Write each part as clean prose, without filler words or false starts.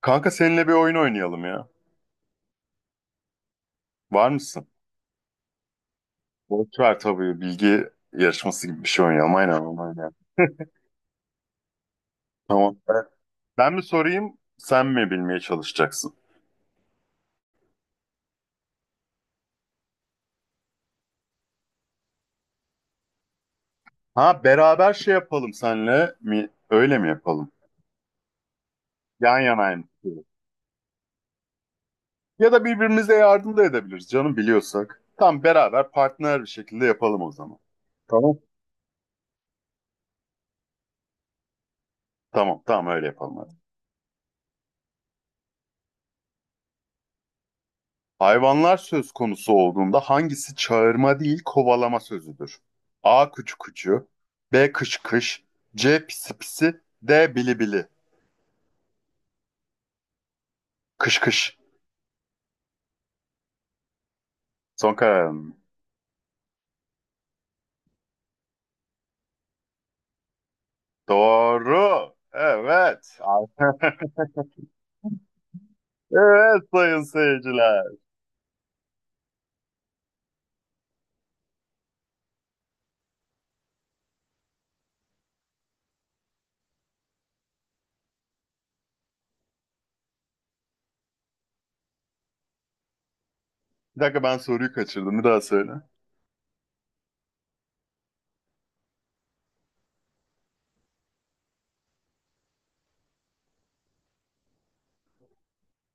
Kanka seninle bir oyun oynayalım ya. Var mısın? Boş ver tabii bilgi yarışması gibi bir şey oynayalım. Aynen aynen. Tamam. Ben mi sorayım sen mi bilmeye çalışacaksın? Ha beraber şey yapalım senle mi? Öyle mi yapalım? Yan yanayım. Ya da birbirimize yardım da edebiliriz canım biliyorsak. Tam beraber partner bir şekilde yapalım o zaman. Tamam. Tamam tamam öyle yapalım. Hayvanlar söz konusu olduğunda hangisi çağırma değil kovalama sözüdür? A. Kuçu kuçu B. Kış kış C. Pisi pisi D. Bili bili. Kış kış. Son kararın mı? Doğru. Evet. Evet sayın seyirciler. Bir dakika ben soruyu kaçırdım. Bir daha söyle.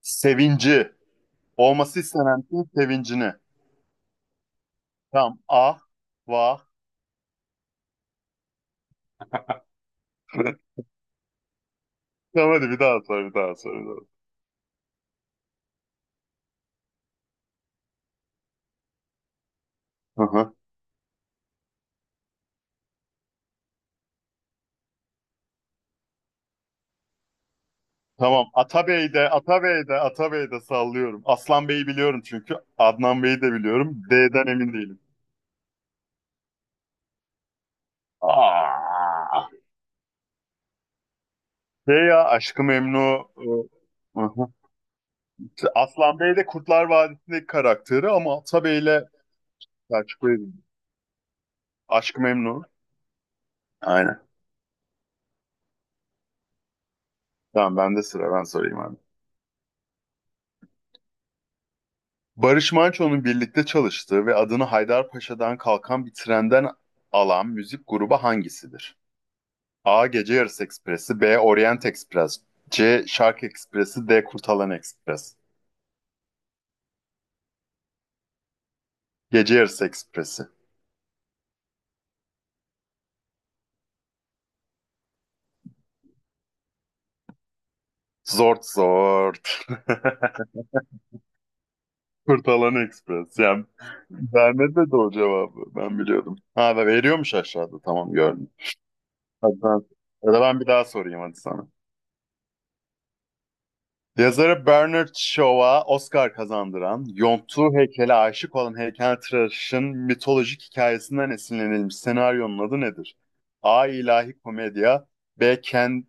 Sevinci. Olması istenen şeyin sevincini. Tamam. A. Va. Tamam hadi bir daha sor. Bir daha sor. Bir daha sor. Hı hı. Tamam. Atabey'de, Atabey'de, Atabey'de sallıyorum. Aslan Bey'i biliyorum çünkü. Adnan Bey'i de biliyorum. D'den emin değilim. Aa. Şey ya Aşkı Memnu. Hı hı. Aslan Bey de Kurtlar Vadisi'ndeki karakteri ama Atabey'le Selçuklu'ydum. Aşkı Memnu. Aynen. Tamam bende sıra ben sorayım abi. Barış Manço'nun birlikte çalıştığı ve adını Haydarpaşa'dan kalkan bir trenden alan müzik grubu hangisidir? A. Gece Yarısı Ekspresi B. Orient Ekspres C. Şark Ekspresi D. Kurtalan Ekspres. Gece Yarısı Ekspresi. Zort zort. Kurtalan Ekspres. Yani vermedi de o cevabı. Ben biliyordum. Ha da veriyormuş aşağıda. Tamam gördüm. Hadi ben, Ya da ben bir daha sorayım hadi sana. Yazarı Bernard Shaw'a Oscar kazandıran, yonttuğu heykele aşık olan heykeltıraşın mitolojik hikayesinden esinlenilmiş senaryonun adı nedir? A. İlahi Komedya B. Candid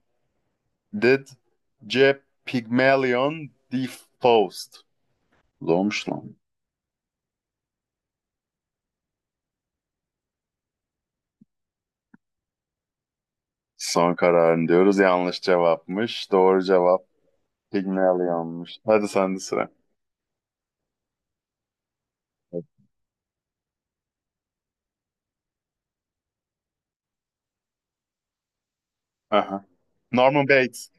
C. Pygmalion D. Faust. Zormuş lan. Son kararın diyoruz. Yanlış cevapmış. Doğru cevap Pygmalion'muş. Hadi sende sıra. Aha. Norman Bates.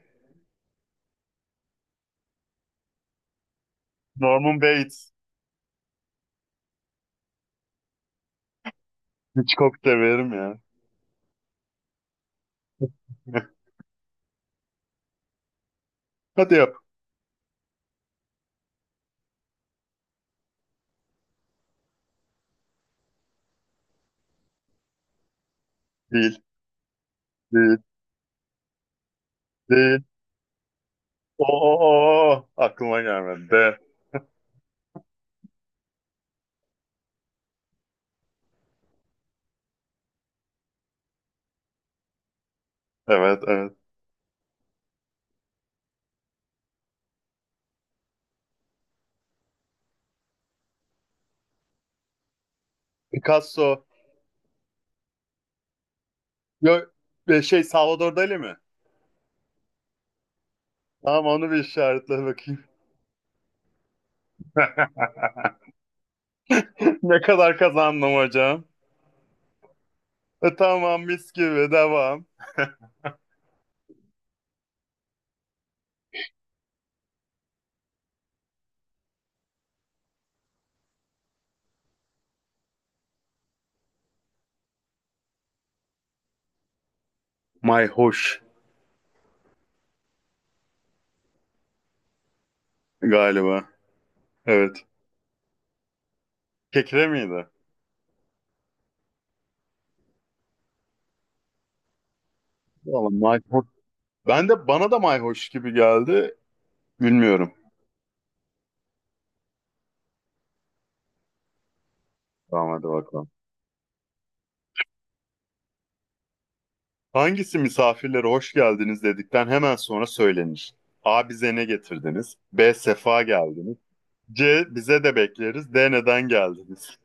Norman Bates. Hitchcock severim ya. Hadi yap. Değil. Değil. De O, o, o. Aklıma gelmedi. De. Evet, evet. Picasso. Yok, şey Salvador Dali mi? Tamam onu bir işaretle bakayım. Ne kadar kazandım hocam? E, tamam mis gibi devam. Mayhoş galiba. Evet. Kekre miydi? Vallahi mayhoş. Ben de Bana da mayhoş gibi geldi. Bilmiyorum. Tamam hadi bakalım. Hangisi misafirlere hoş geldiniz dedikten hemen sonra söylenir? A. Bize ne getirdiniz? B. Sefa geldiniz. C. Bize de bekleriz. D. Neden geldiniz?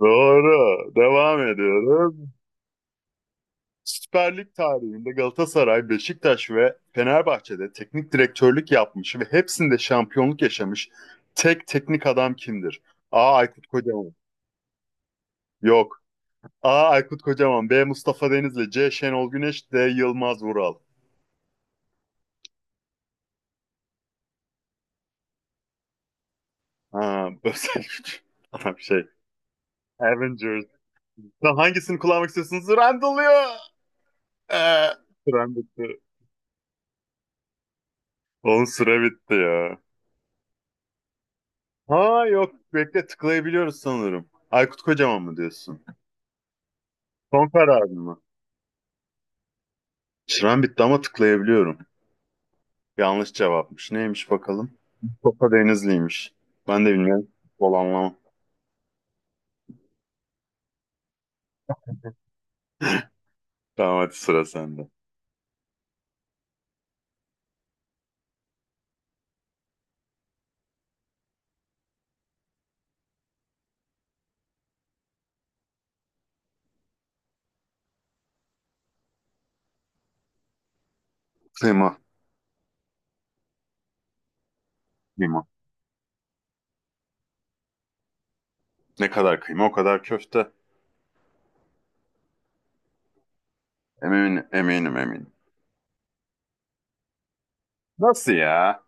Doğru. Devam ediyoruz. Süper Lig tarihinde Galatasaray, Beşiktaş ve Fenerbahçe'de teknik direktörlük yapmış ve hepsinde şampiyonluk yaşamış tek teknik adam kimdir? A. Aykut Kocaman. Yok. A. Aykut Kocaman. B. Mustafa Denizli. C. Şenol Güneş. D. Yılmaz Vural. Ha, özel güç. Tamam şey. Avengers. Lan hangisini kullanmak istiyorsunuz? Randall'ıyor. Ee, Süren bitti. Onun süre bitti ya. Ha yok. Bekle tıklayabiliyoruz sanırım. Aykut Kocaman mı diyorsun? Son kararın mı? Süren bitti ama tıklayabiliyorum. Yanlış cevapmış. Neymiş bakalım? Mustafa Denizli'ymiş. Ben de bilmiyorum. Bol anlamam. Tamam hadi sıra sende. Kıyma. Kıyma. Ne kadar kıyma o kadar köfte. Eminim, eminim, eminim. Nasıl ya?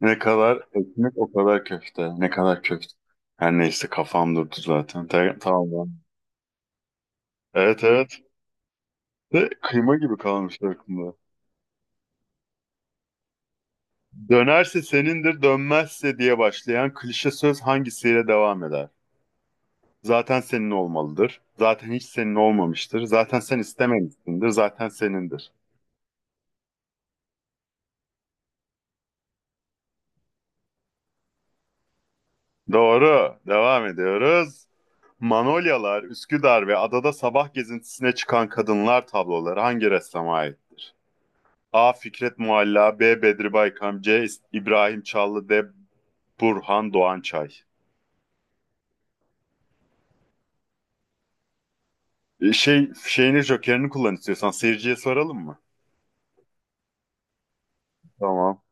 Ne kadar ekmek o kadar köfte. Ne kadar köfte. Her neyse kafam durdu zaten. Tamam. Lan. Evet evet. De kıyma gibi kalmış aklımda. Dönerse senindir, dönmezse diye başlayan klişe söz hangisiyle devam eder? Zaten senin olmalıdır. Zaten hiç senin olmamıştır. Zaten sen istememişsindir. Zaten senindir. Doğru. Devam ediyoruz. Manolyalar, Üsküdar ve adada sabah gezintisine çıkan kadınlar tabloları hangi ressama ait? A. Fikret Mualla B. Bedri Baykam C. İbrahim Çallı D. Burhan Doğançay. E, Şey şeyini Joker'ini kullan istiyorsan seyirciye soralım mı? Tamam.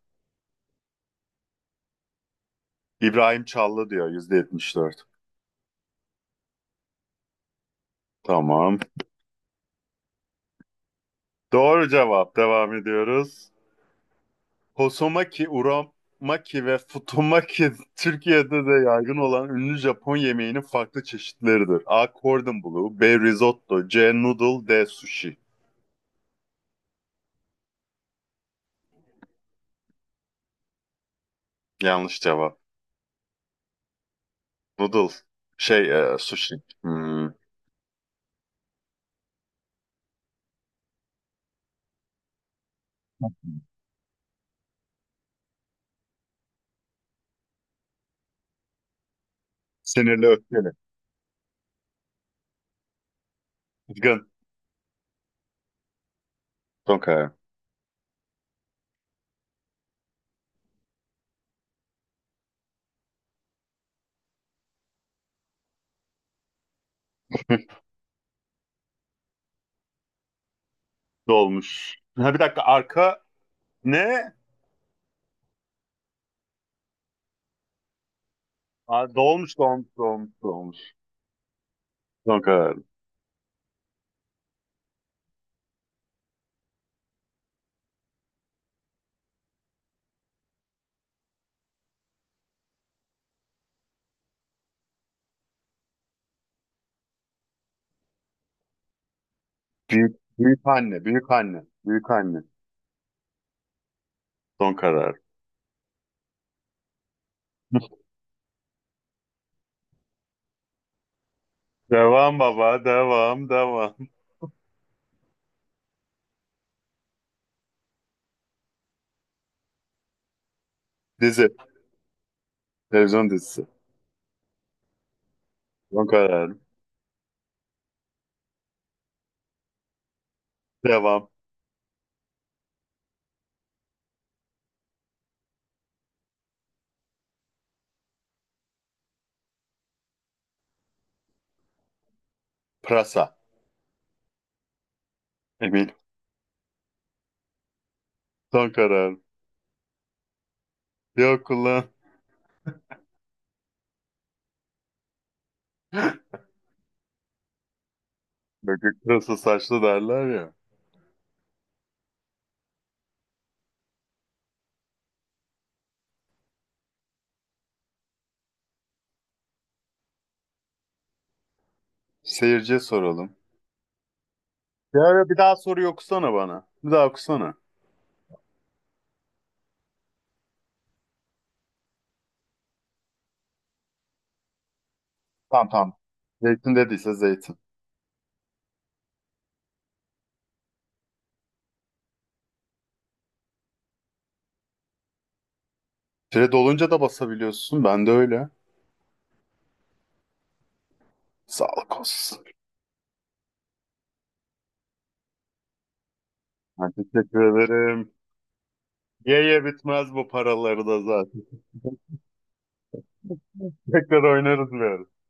İbrahim Çallı diyor %74. Tamam. Doğru cevap. Devam ediyoruz. Hosomaki, uramaki ve futomaki Türkiye'de de yaygın olan ünlü Japon yemeğinin farklı çeşitleridir. A. Cordon Bleu B. Risotto C. Noodle D. Sushi. Yanlış cevap. Noodle. Sushi. Hmm. Sinirli öfkeli. Kızgın. Okay. Dolmuş. Ha, bir dakika arka ne? Aa, dolmuş dolmuş dolmuş dolmuş. Son karar. Büyük anne, büyük anne, büyük anne. Son karar. Devam baba, devam, devam. Dizi, televizyon dizisi. Son karar. Devam. Prasa. Emin. Son karar. Yok ulan. Böcek pırasa saçlı derler ya. Seyirciye soralım. Ya bir daha soruyu okusana bana. Bir daha okusana. Tamam tamam. Zeytin dediyse zeytin. Pire dolunca da basabiliyorsun. Ben de öyle. Sağlık olsun. Ben teşekkür ederim. Ye ye bitmez bu paraları da zaten. Tekrar oynarız biraz.